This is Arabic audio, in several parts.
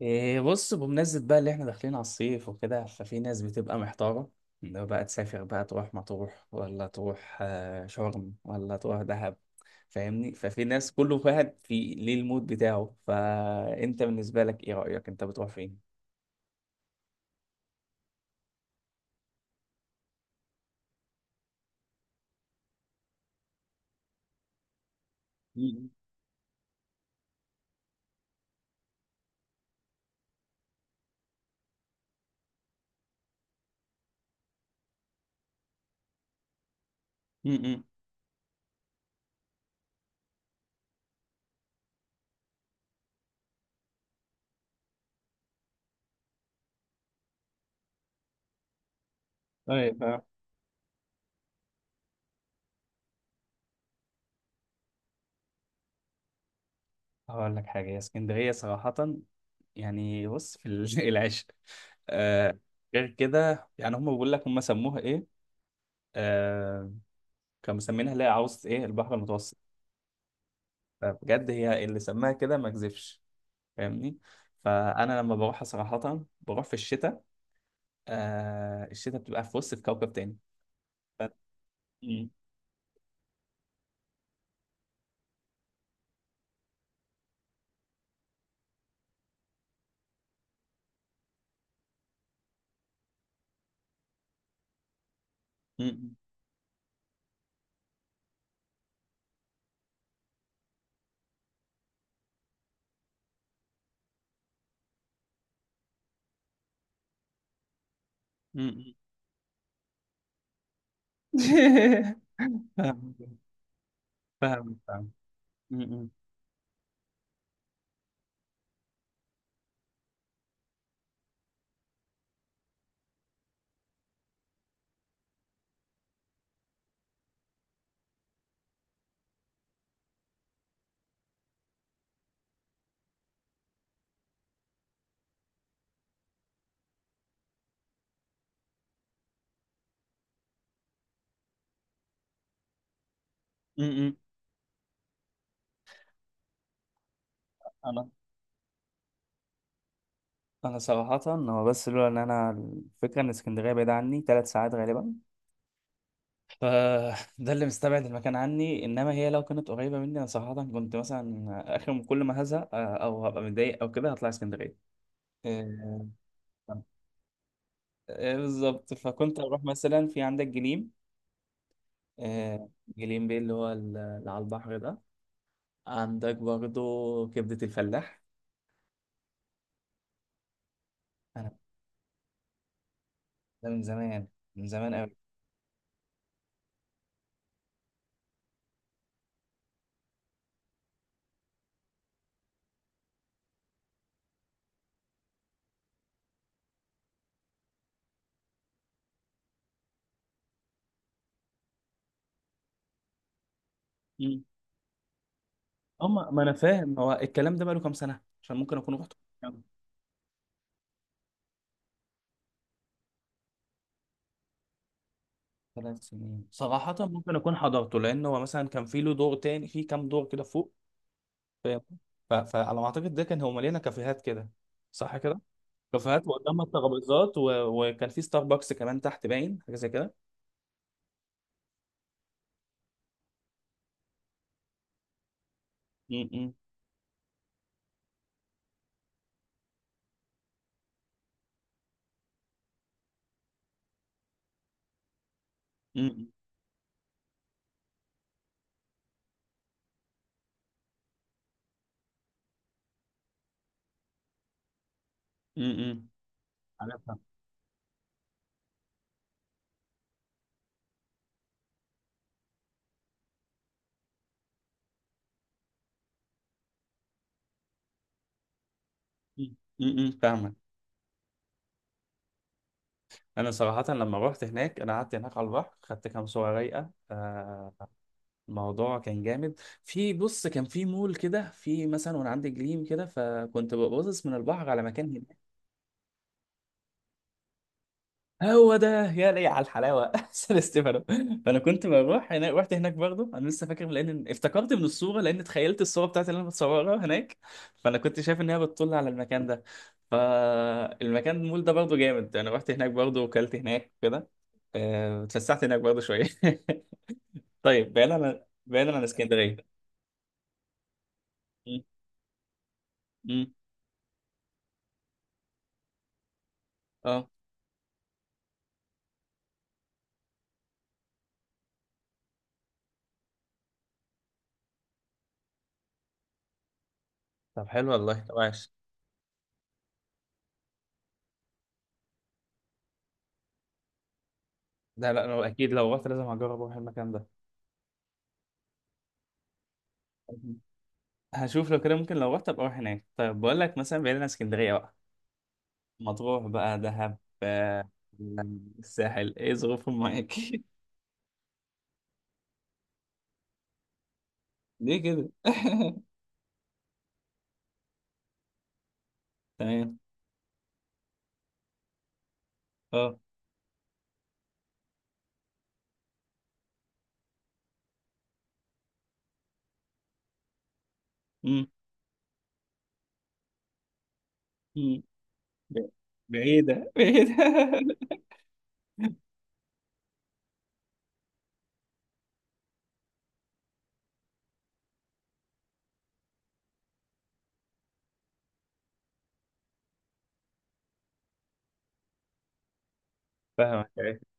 إيه بص، بمناسبة بقى اللي احنا داخلين على الصيف وكده، ففي ناس بتبقى محتارة، لو بقى تسافر بقى تروح مطروح ولا تروح شرم ولا تروح دهب. فاهمني؟ ففي ناس، كل واحد في ليه المود بتاعه، فانت بالنسبة لك ايه رأيك؟ انت بتروح فين؟ مم. م-م. طيب. آه. هقول لك حاجة يا اسكندرية صراحة، يعني بص في العشق. آه، غير كده يعني، هم بيقول لك هم سموها ايه؟ آه، كانوا مسمينها اللي هي عاوز ايه، البحر المتوسط. فبجد هي اللي سماها كده، ما كذبش. فاهمني؟ فانا لما بروح صراحه بروح في الشتاء. آه الشتاء بتبقى في وسط، في كوكب تاني. ف... م- م- م- م- فاهم فاهم فاهم. م- م- م- انا انا صراحه، هو بس لولا ان انا الفكره ان اسكندريه بعيده عني 3 ساعات غالبا، فده اللي مستبعد المكان عني. انما هي لو كانت قريبه مني، انا صراحه كنت مثلا اخر كل ما هزهق او هبقى متضايق او كده، هطلع اسكندريه. بالظبط. فكنت اروح مثلا في عندك جليم، آه، جليم بيه، اللي هو اللي على البحر ده. عندك برضو كبدة الفلاح. انا ده من زمان، من زمان قوي. مم. هم، ما انا فاهم، هو الكلام ده بقاله كام سنة؟ عشان ممكن اكون رحت. كام؟ 3 سنين صراحة، ممكن اكون حضرته، لان هو مثلا كان في له دور تاني، في كام دور كده فوق. فاهم؟ فعلى ما اعتقد ده كان هو مليانة كافيهات كده، صح كده. كافيهات وقدامها الترابيزات وكان في ستاربكس كمان تحت، باين حاجة زي كده. امم. امم. عارفها. امم، فاهمك. انا صراحه لما رحت هناك، انا قعدت هناك على البحر، خدت كام صوره رايقه. الموضوع كان جامد. في بص كان في مول كده، في مثلا، وانا عندي جليم كده، فكنت ببصص من البحر على مكان. هو ده، يا لي على الحلاوه! سان ستيفانو. فانا كنت بروح هناك، رحت هناك برضه. انا لسه فاكر، لان افتكرت من الصوره، لان تخيلت الصوره بتاعتي اللي انا بتصورها هناك. فانا كنت شايف ان هي بتطل على المكان ده. فالمكان، المول ده برضه جامد. انا رحت هناك برضه، وكلت هناك كده، اتفسحت هناك برضه شويه. طيب، بعيدا عن بعيدا عن اسكندريه. م- م. اه، طب حلو والله، طب عاش. لا لا، انا اكيد لو رحت لازم هجرب اروح المكان ده. هشوف لو كده ممكن، لو رحت ابقى اروح هناك. طيب، بقول لك مثلا، بعيد عن اسكندريه بقى، مطروح بقى، دهب، الساحل، ايه ظروفهم معاك؟ ليه كده؟ تمام. اه. أمم. أمم. ب- بعيده بعيده. فاهمك. ايوه،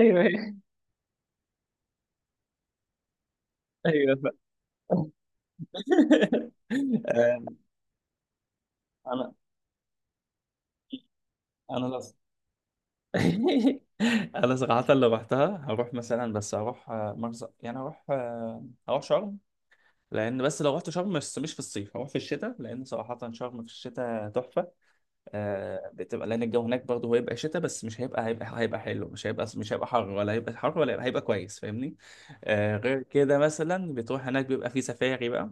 ايوه، ايوه، فاهم. آه، انا انا لص. انا صراحه اللي رحتها هروح مثلا، بس هروح مرسى، يعني هروح هروح شرم. لان بس لو رحت شرم، بس مش في الصيف، هروح في الشتاء، لان صراحه شرم في الشتاء تحفه. آه، بتبقى، لان الجو هناك برضه هيبقى شتاء، بس مش هيبقى حلو، مش هيبقى حر، ولا هيبقى حر، هيبقى كويس، فاهمني؟ آه، غير كده مثلا بتروح هناك، بيبقى في سفاري بقى.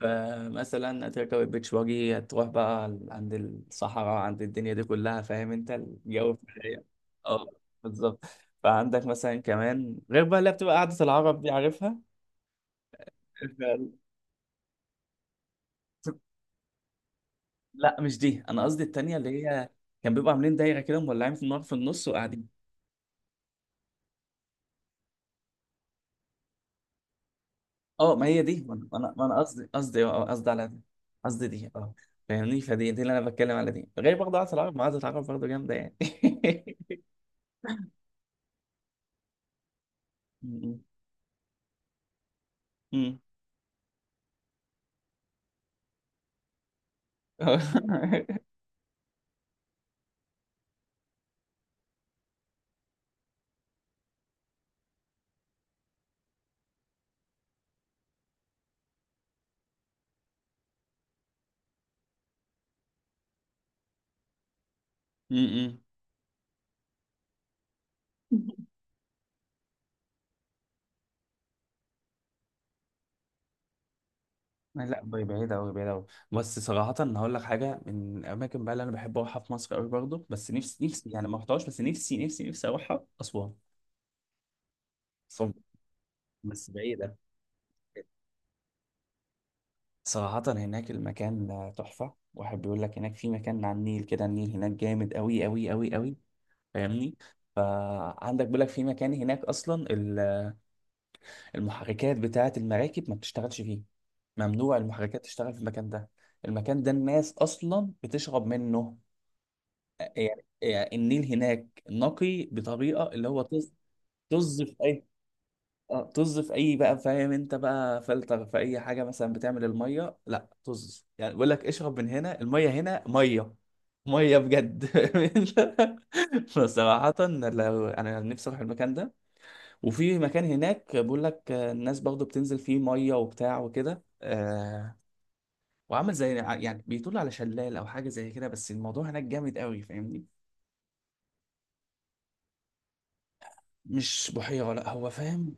فمثلا هتركب البيتش باجي، هتروح بقى عند الصحراء، عند الدنيا دي كلها، فاهم انت، الجو في الحقيقة. اه، بالظبط. فعندك مثلا كمان، غير بقى اللي بتبقى قعدة العرب دي، عارفها؟ لا مش دي، انا قصدي التانية، اللي هي كان بيبقوا عاملين دايره كده، مولعين في النار في النص وقاعدين. اه، ما هي دي! ما انا ما أنا ما أنا قصدي، قصدي، قصدي على دي. قصدي دي، اه. فاهمني؟ فدي اللي انا بتكلم على دي. غير برضه عاده العرب، ما عاده العرب برضه جامده يعني. م- م- م. م- م. لا، بعيدة أوي، بعيدة أوي. بس صراحة، هقول لك حاجة، من الأماكن بقى اللي أنا بحب أروحها في مصر أوي برضه، بس نفسي نفسي، يعني ما رحتهاش، بس نفسي نفسي نفسي أروحها، أسوان. أسوان. بس بعيدة. صراحة هناك المكان تحفة. واحد بيقول لك هناك في مكان على النيل كده، النيل هناك جامد أوي أوي أوي أوي. فاهمني؟ فعندك، بيقول لك في مكان هناك أصلا المحركات بتاعة المراكب ما بتشتغلش فيه، ممنوع المحركات تشتغل في المكان ده. المكان ده الناس أصلا بتشرب منه. يعني النيل هناك نقي بطريقة، اللي هو طز. طز في أي، اه، طز في اي بقى، فاهم انت بقى، فلتر في اي حاجه مثلا بتعمل الميه، لا طز. يعني بيقول لك اشرب من هنا، الميه هنا ميه، ميه بجد. فصراحه لو، انا نفسي اروح المكان ده. وفي مكان هناك بيقول لك الناس برضه بتنزل فيه ميه وبتاع وكده، آه، وعامل زي يعني بيطل على شلال او حاجه زي كده، بس الموضوع هناك جامد قوي، فاهمني؟ مش بحيره، لا، هو فاهم،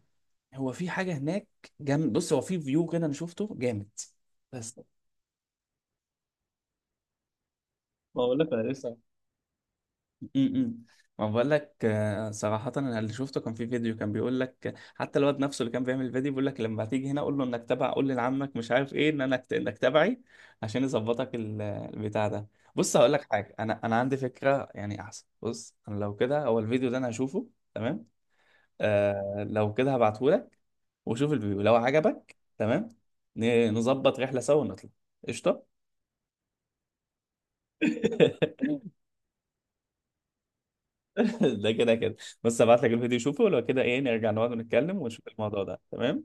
هو في حاجه هناك جامد. بص هو في فيو كده انا شفته جامد، بس. بقول لك انا لسه. امم. ما بقول لك، صراحة انا اللي شفته كان في فيديو، كان بيقول لك حتى الواد نفسه اللي كان بيعمل الفيديو بيقول لك لما تيجي هنا قول له انك تبع، قول لي لعمك مش عارف ايه، ان انا انك تبعي، عشان يظبطك البتاع ده. بص، هقول لك حاجة، انا عندي فكرة، يعني احسن. بص انا لو كده، هو الفيديو ده انا هشوفه، تمام. آه، لو كده هبعته لك، وشوف الفيديو، لو عجبك تمام، نظبط رحلة سوا ونطلع. قشطة. ده كده كده. بس ابعت لك الفيديو، شوفه، ولو كده ايه، نرجع نقعد ونتكلم ونشوف الموضوع ده، تمام.